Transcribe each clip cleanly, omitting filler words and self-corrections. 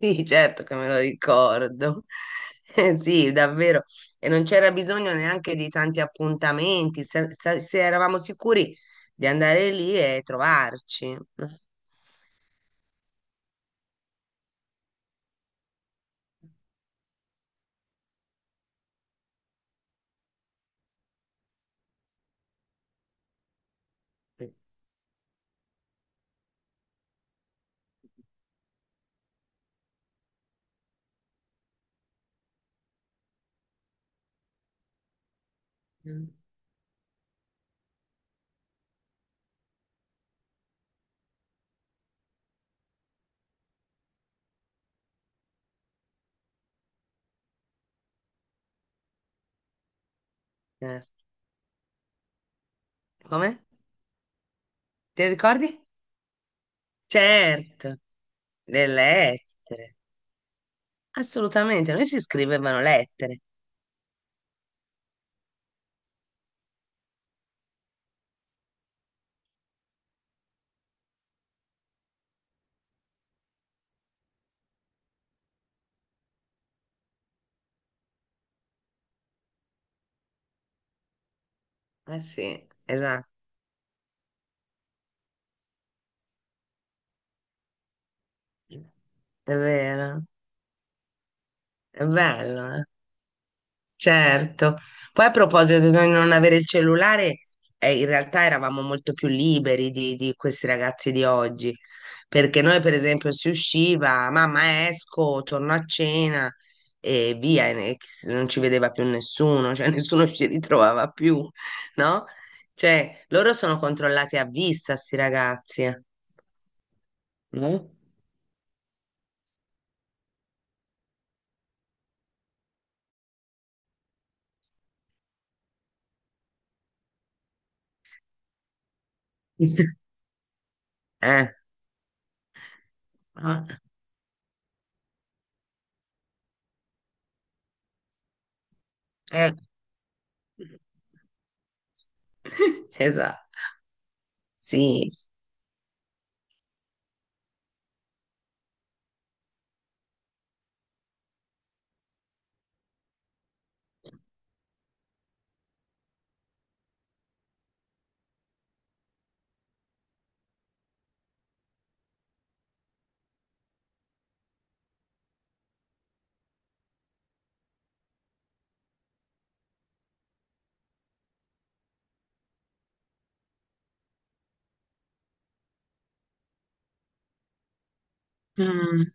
Sì, certo che me lo ricordo. Sì, davvero. E non c'era bisogno neanche di tanti appuntamenti, se eravamo sicuri di andare lì e trovarci, no? Mm. Certo. Come? Ti ricordi? Certo, le lettere. Assolutamente, noi si scrivevano lettere. Eh sì, esatto. È vero. È bello, eh? Certo. Poi a proposito di non avere il cellulare, in realtà eravamo molto più liberi di questi ragazzi di oggi, perché noi per esempio si usciva, mamma esco, torno a cena e via, e non ci vedeva più nessuno, cioè nessuno ci ritrovava più, no? Cioè, loro sono controllati a vista, sti ragazzi, eh, no? Eh. Eh. Eh. Esatto, sì. Mm.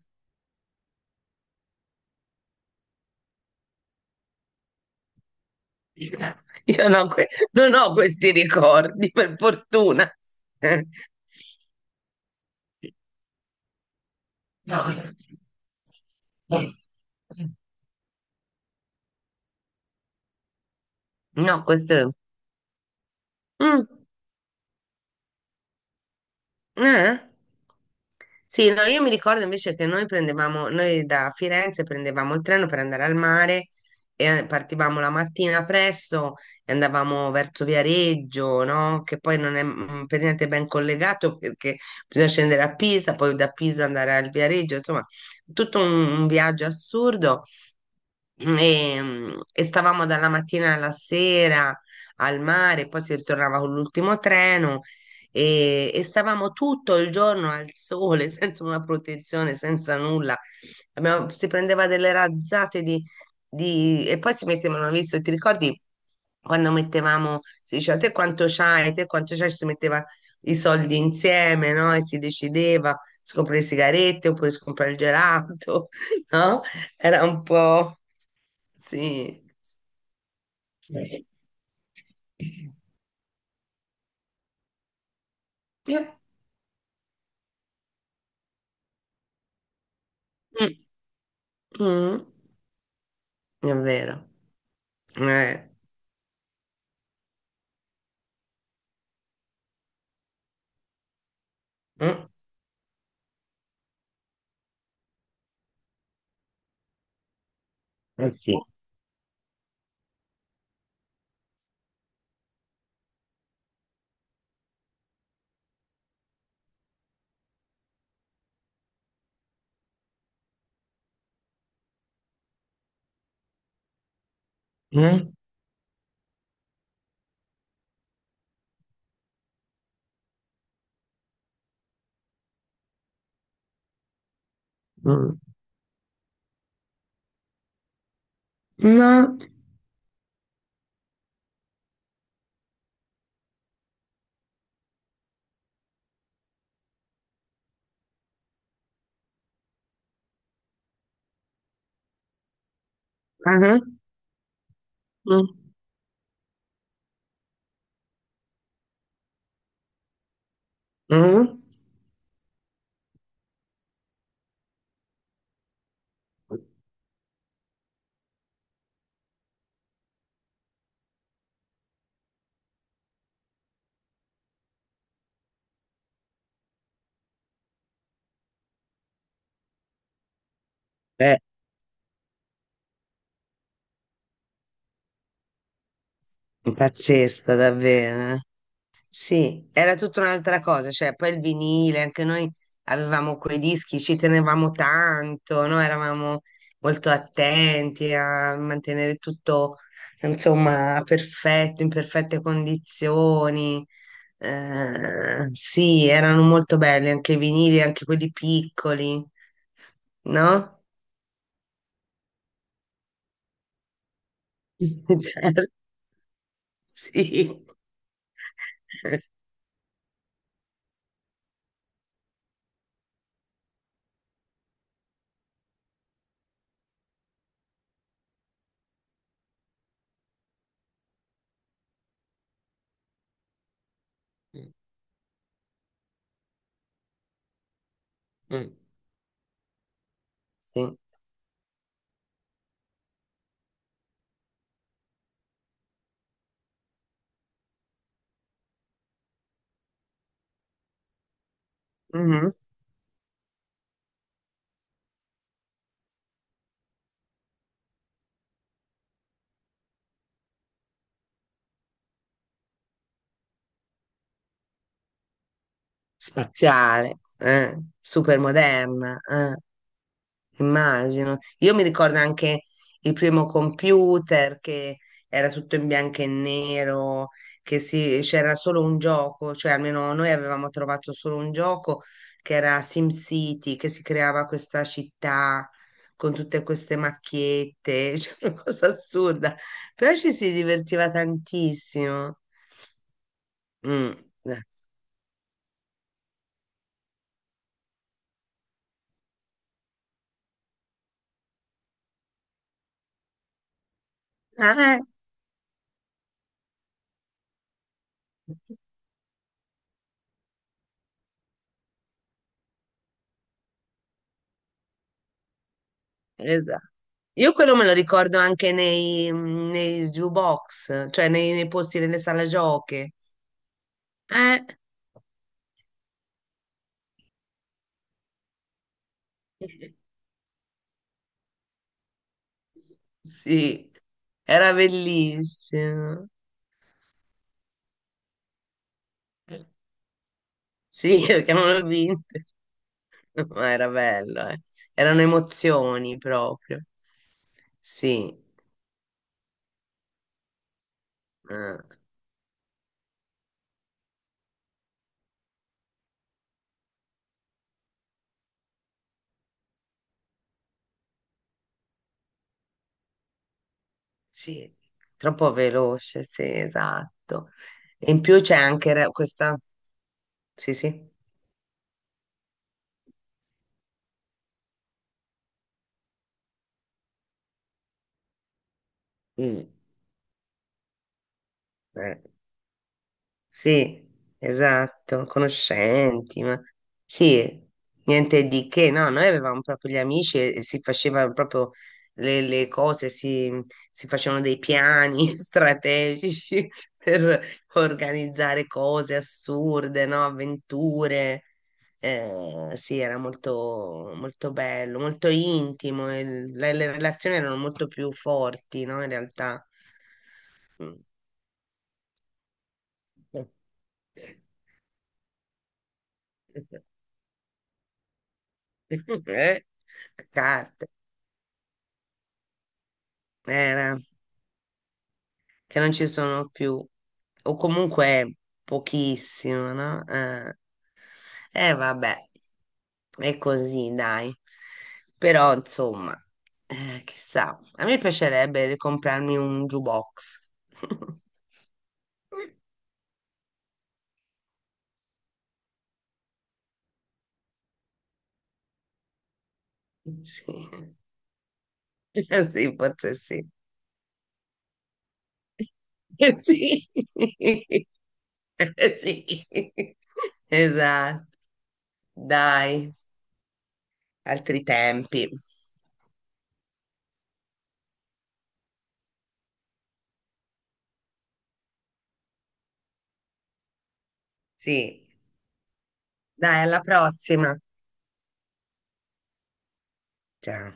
Io no, non ho questi ricordi, per fortuna. Eh, No, no, questo... è... Mm, eh? Sì, no, io mi ricordo invece che noi da Firenze prendevamo il treno per andare al mare e partivamo la mattina presto e andavamo verso Viareggio, no? Che poi non è per niente ben collegato, perché bisogna scendere a Pisa, poi da Pisa andare al Viareggio, insomma, tutto un, un viaggio assurdo e, e stavamo dalla mattina alla sera al mare, poi si ritornava con l'ultimo treno e stavamo tutto il giorno al sole, senza una protezione, senza nulla. Si prendeva delle razzate e poi si mettevano, visto, ti ricordi quando mettevamo, si diceva te quanto c'hai, si metteva i soldi insieme, no? E si decideva se comprare le sigarette oppure se comprare il gelato, no? Era un po'. Sì. Eh. Eh. Mm. Mm. È vero. Eh. Mm. Eh sì. Mm. Mm. No. Ah. Mm. Mm. Beh, pazzesco davvero. Sì, era tutta un'altra cosa, cioè poi il vinile, anche noi avevamo quei dischi, ci tenevamo tanto, no? Eravamo molto attenti a mantenere tutto, insomma, perfetto, in perfette condizioni. Sì, erano molto belli anche i vinili, anche quelli piccoli, no? Certo. Sì. Sì. Mhm. Spaziale, super moderna. Immagino. Io mi ricordo anche il primo computer che era tutto in bianco e nero, che c'era solo un gioco, cioè almeno noi avevamo trovato solo un gioco che era SimCity, che si creava questa città con tutte queste macchiette, cioè una cosa assurda, però ci si divertiva tantissimo. Mm. Eh. Esatto. Io quello me lo ricordo anche nei jukebox, cioè nei posti nelle sale giochi. Eh, sì, era bellissimo. Sì, perché non l'ho vinto, ma era bello, eh. Erano emozioni proprio. Sì, eh, sì, troppo veloce, sì, esatto. E in più c'è anche questa... Sì, sì. Mm. Eh. Sì, esatto, conoscenti, ma sì, niente di che, no, noi avevamo proprio gli amici e si facevano proprio le cose, si facevano dei piani strategici per organizzare cose assurde, no, avventure. Sì, era molto, molto bello, molto intimo, e le relazioni erano molto più forti, no, in realtà. Mm. Eh, a carte, era, che non ci sono più, o comunque pochissimo, no? Vabbè, è così, dai. Però, insomma, chissà, a me piacerebbe ricomprarmi un jukebox. Sì. Sì, forse sì. Sì, eh, sì, esatto, dai. Altri tempi. Sì. Dai, alla prossima. Ciao.